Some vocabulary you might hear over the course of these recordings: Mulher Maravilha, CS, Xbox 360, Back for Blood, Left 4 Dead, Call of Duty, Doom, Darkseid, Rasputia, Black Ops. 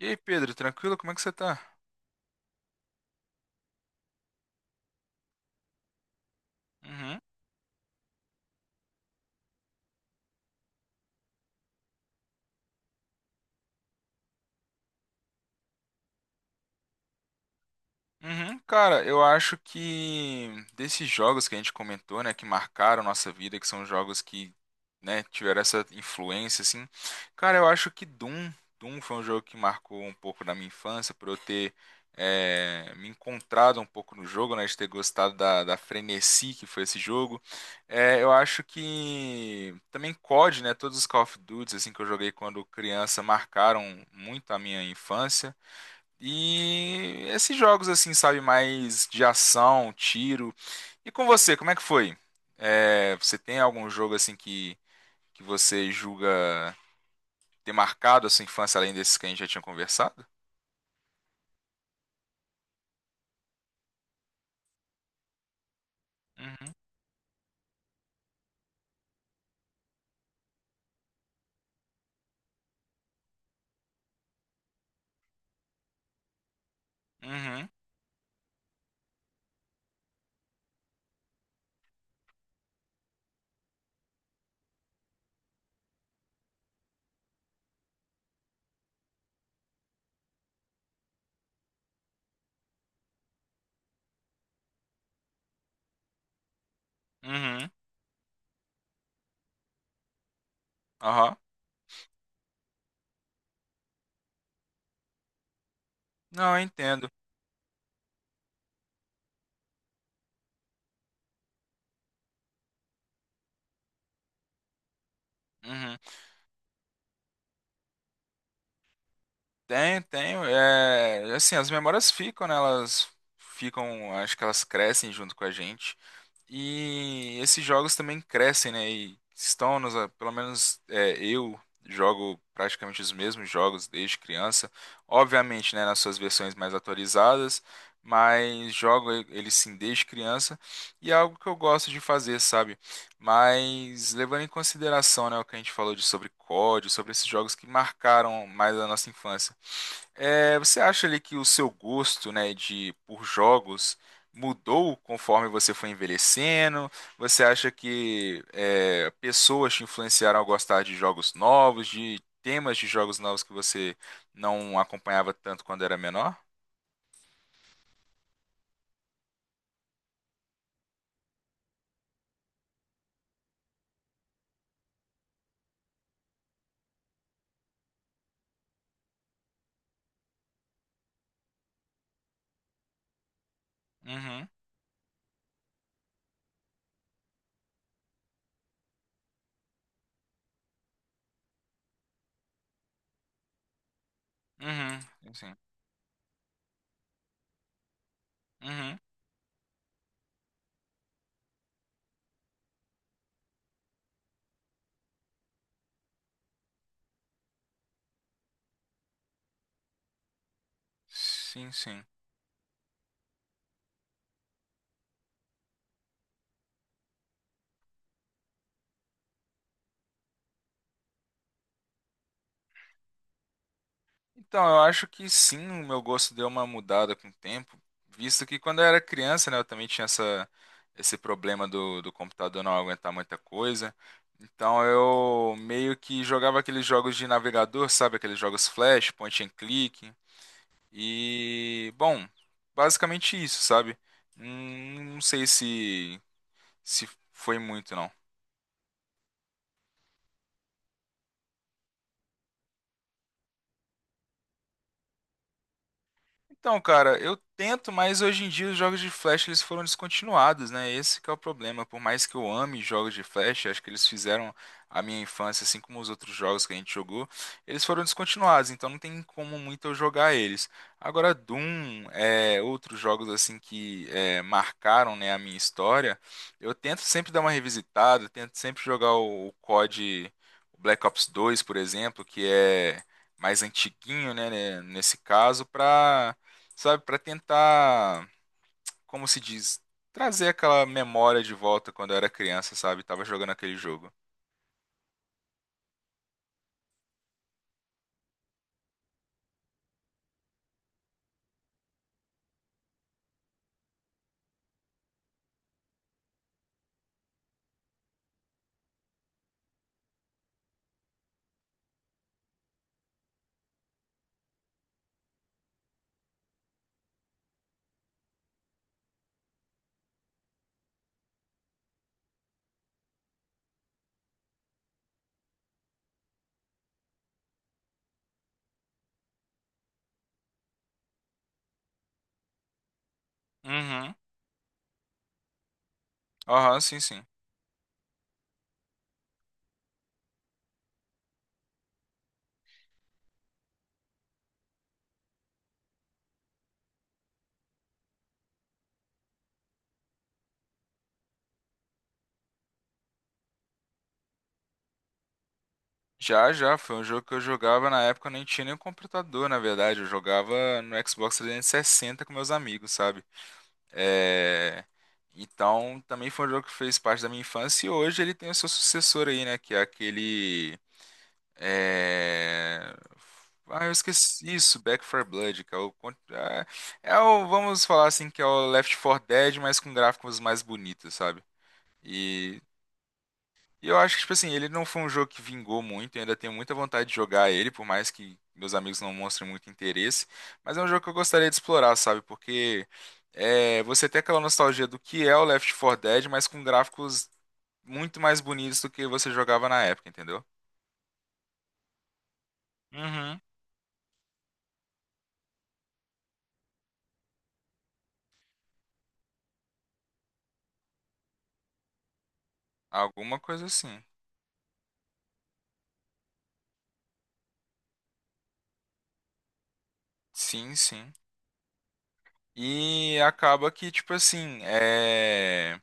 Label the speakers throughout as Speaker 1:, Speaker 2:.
Speaker 1: E aí, Pedro, tranquilo? Como é que você tá? Uhum. Uhum. Cara, eu acho que desses jogos que a gente comentou, né, que marcaram nossa vida, que são jogos que, né, tiveram essa influência, assim, cara, eu acho que Doom, Doom foi um jogo que marcou um pouco da minha infância, por eu ter me encontrado um pouco no jogo, né, de ter gostado da frenesi que foi esse jogo. Eu acho que também COD, né, todos os Call of Duty, assim, que eu joguei quando criança, marcaram muito a minha infância. E esses jogos assim, sabe, mais de ação, tiro. E com você, como é que foi? Você tem algum jogo assim que você julga ter marcado a sua infância além desses que a gente já tinha conversado? Uhum, uhum, uhum, aham. Não, eu entendo. Uhum. Tem, é, assim, as memórias ficam, né? Elas ficam, acho que elas crescem junto com a gente. E esses jogos também crescem, né? E estão nos, pelo menos eu jogo praticamente os mesmos jogos desde criança. Obviamente, né, nas suas versões mais atualizadas, mas eles sim desde criança e é algo que eu gosto de fazer, sabe? Mas levando em consideração, né, o que a gente falou de sobre COD, sobre esses jogos que marcaram mais a nossa infância. Você acha ali que o seu gosto, né, de por jogos mudou conforme você foi envelhecendo? Você acha que pessoas te influenciaram a gostar de jogos novos, de temas de jogos novos que você não acompanhava tanto quando era menor? Uhum, uhum, sim. Uhum, sim, sim. Então, eu acho que sim, o meu gosto deu uma mudada com o tempo, visto que quando eu era criança, né, eu também tinha essa, esse problema do computador não aguentar muita coisa. Então, eu meio que jogava aqueles jogos de navegador, sabe? Aqueles jogos flash, point and click. E, bom, basicamente isso, sabe? Não sei se, se foi muito, não. Então, cara, eu tento, mas hoje em dia os jogos de Flash eles foram descontinuados, né? Esse que é o problema. Por mais que eu ame jogos de Flash, acho que eles fizeram a minha infância, assim como os outros jogos que a gente jogou, eles foram descontinuados, então não tem como muito eu jogar eles. Agora, Doom, é, outros jogos assim que é, marcaram, né, a minha história, eu tento sempre dar uma revisitada, tento sempre jogar o COD, o Black Ops dois por exemplo, que é mais antiguinho, né, nesse caso, pra sabe, para tentar, como se diz, trazer aquela memória de volta quando eu era criança, sabe? Tava jogando aquele jogo. Uhum. Aham, sim, sim. Já, já, foi um jogo que eu jogava na época, eu nem tinha nenhum computador, na verdade. Eu jogava no Xbox 360 com meus amigos, sabe? É... Então, também foi um jogo que fez parte da minha infância e hoje ele tem o seu sucessor aí, né? Que é aquele... É... Ah, eu esqueci isso, Back for Blood, que é o... ah, é o... Vamos falar assim que é o Left 4 Dead, mas com gráficos mais bonitos, sabe? E... e eu acho que, tipo assim, ele não foi um jogo que vingou muito, eu ainda tenho muita vontade de jogar ele, por mais que meus amigos não mostrem muito interesse, mas é um jogo que eu gostaria de explorar, sabe? Porque é... você tem aquela nostalgia do que é o Left 4 Dead, mas com gráficos muito mais bonitos do que você jogava na época, entendeu? Uhum. Alguma coisa assim. Sim, sim. E acaba que, tipo assim, é...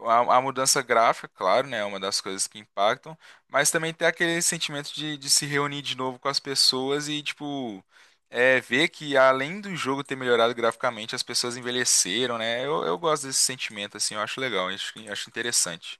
Speaker 1: a mudança gráfica, claro, né, é uma das coisas que impactam, mas também tem aquele sentimento de se reunir de novo com as pessoas e, tipo, é, ver que além do jogo ter melhorado graficamente, as pessoas envelheceram, né? Eu gosto desse sentimento, assim, eu acho legal, acho interessante.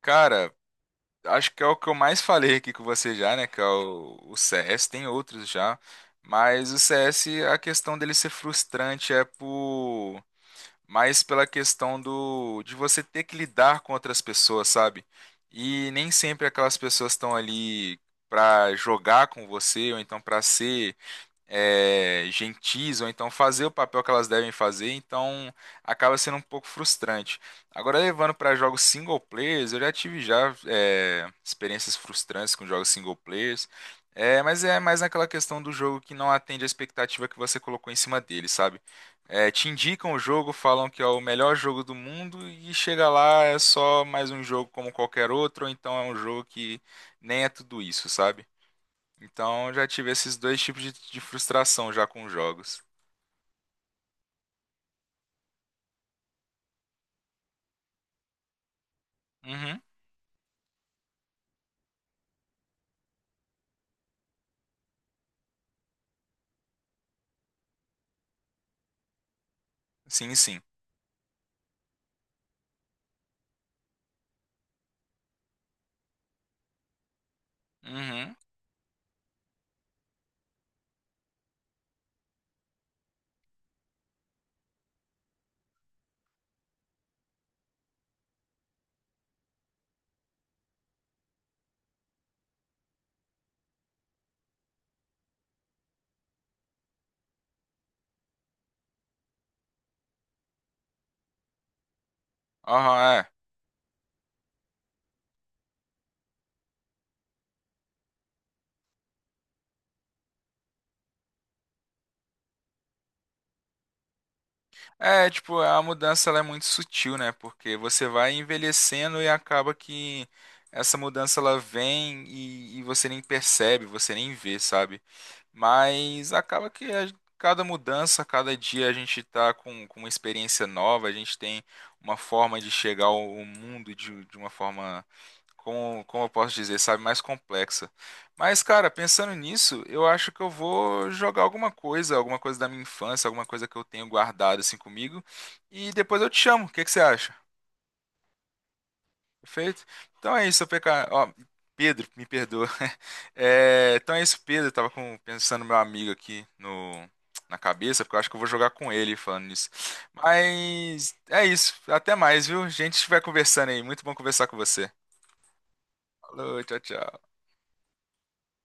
Speaker 1: Cara, acho que é o que eu mais falei aqui com você já, né? Que é o CS, tem outros já. Mas o CS, a questão dele ser frustrante é por mais pela questão do de você ter que lidar com outras pessoas, sabe? E nem sempre aquelas pessoas estão ali pra jogar com você ou então pra ser é, gentis, ou então fazer o papel que elas devem fazer, então acaba sendo um pouco frustrante. Agora, levando para jogos single players, eu já tive já é, experiências frustrantes com jogos single players, é, mas é mais naquela questão do jogo que não atende a expectativa que você colocou em cima dele, sabe? É, te indicam o jogo, falam que é o melhor jogo do mundo e chega lá é só mais um jogo como qualquer outro, ou então é um jogo que nem é tudo isso, sabe? Então já tive esses dois tipos de frustração já com jogos. Uhum. Sim, sim. Uhum. Aham, é. É, tipo, a mudança ela é muito sutil, né? Porque você vai envelhecendo e acaba que essa mudança ela vem e você nem percebe, você nem vê, sabe? Mas acaba que cada mudança, cada dia a gente está com uma experiência nova, a gente tem uma forma de chegar ao mundo de uma forma, como eu posso dizer, sabe, mais complexa. Mas, cara, pensando nisso, eu acho que eu vou jogar alguma coisa da minha infância, alguma coisa que eu tenho guardado assim comigo, e depois eu te chamo. O que que você acha? Perfeito? Então é isso, PK. Ó, Pedro, me perdoa. É, então é isso, Pedro. Eu tava pensando no meu amigo aqui no, na cabeça, porque eu acho que eu vou jogar com ele falando nisso. Mas é isso. Até mais, viu? A gente vai conversando aí. Muito bom conversar com você. Falou, tchau, tchau.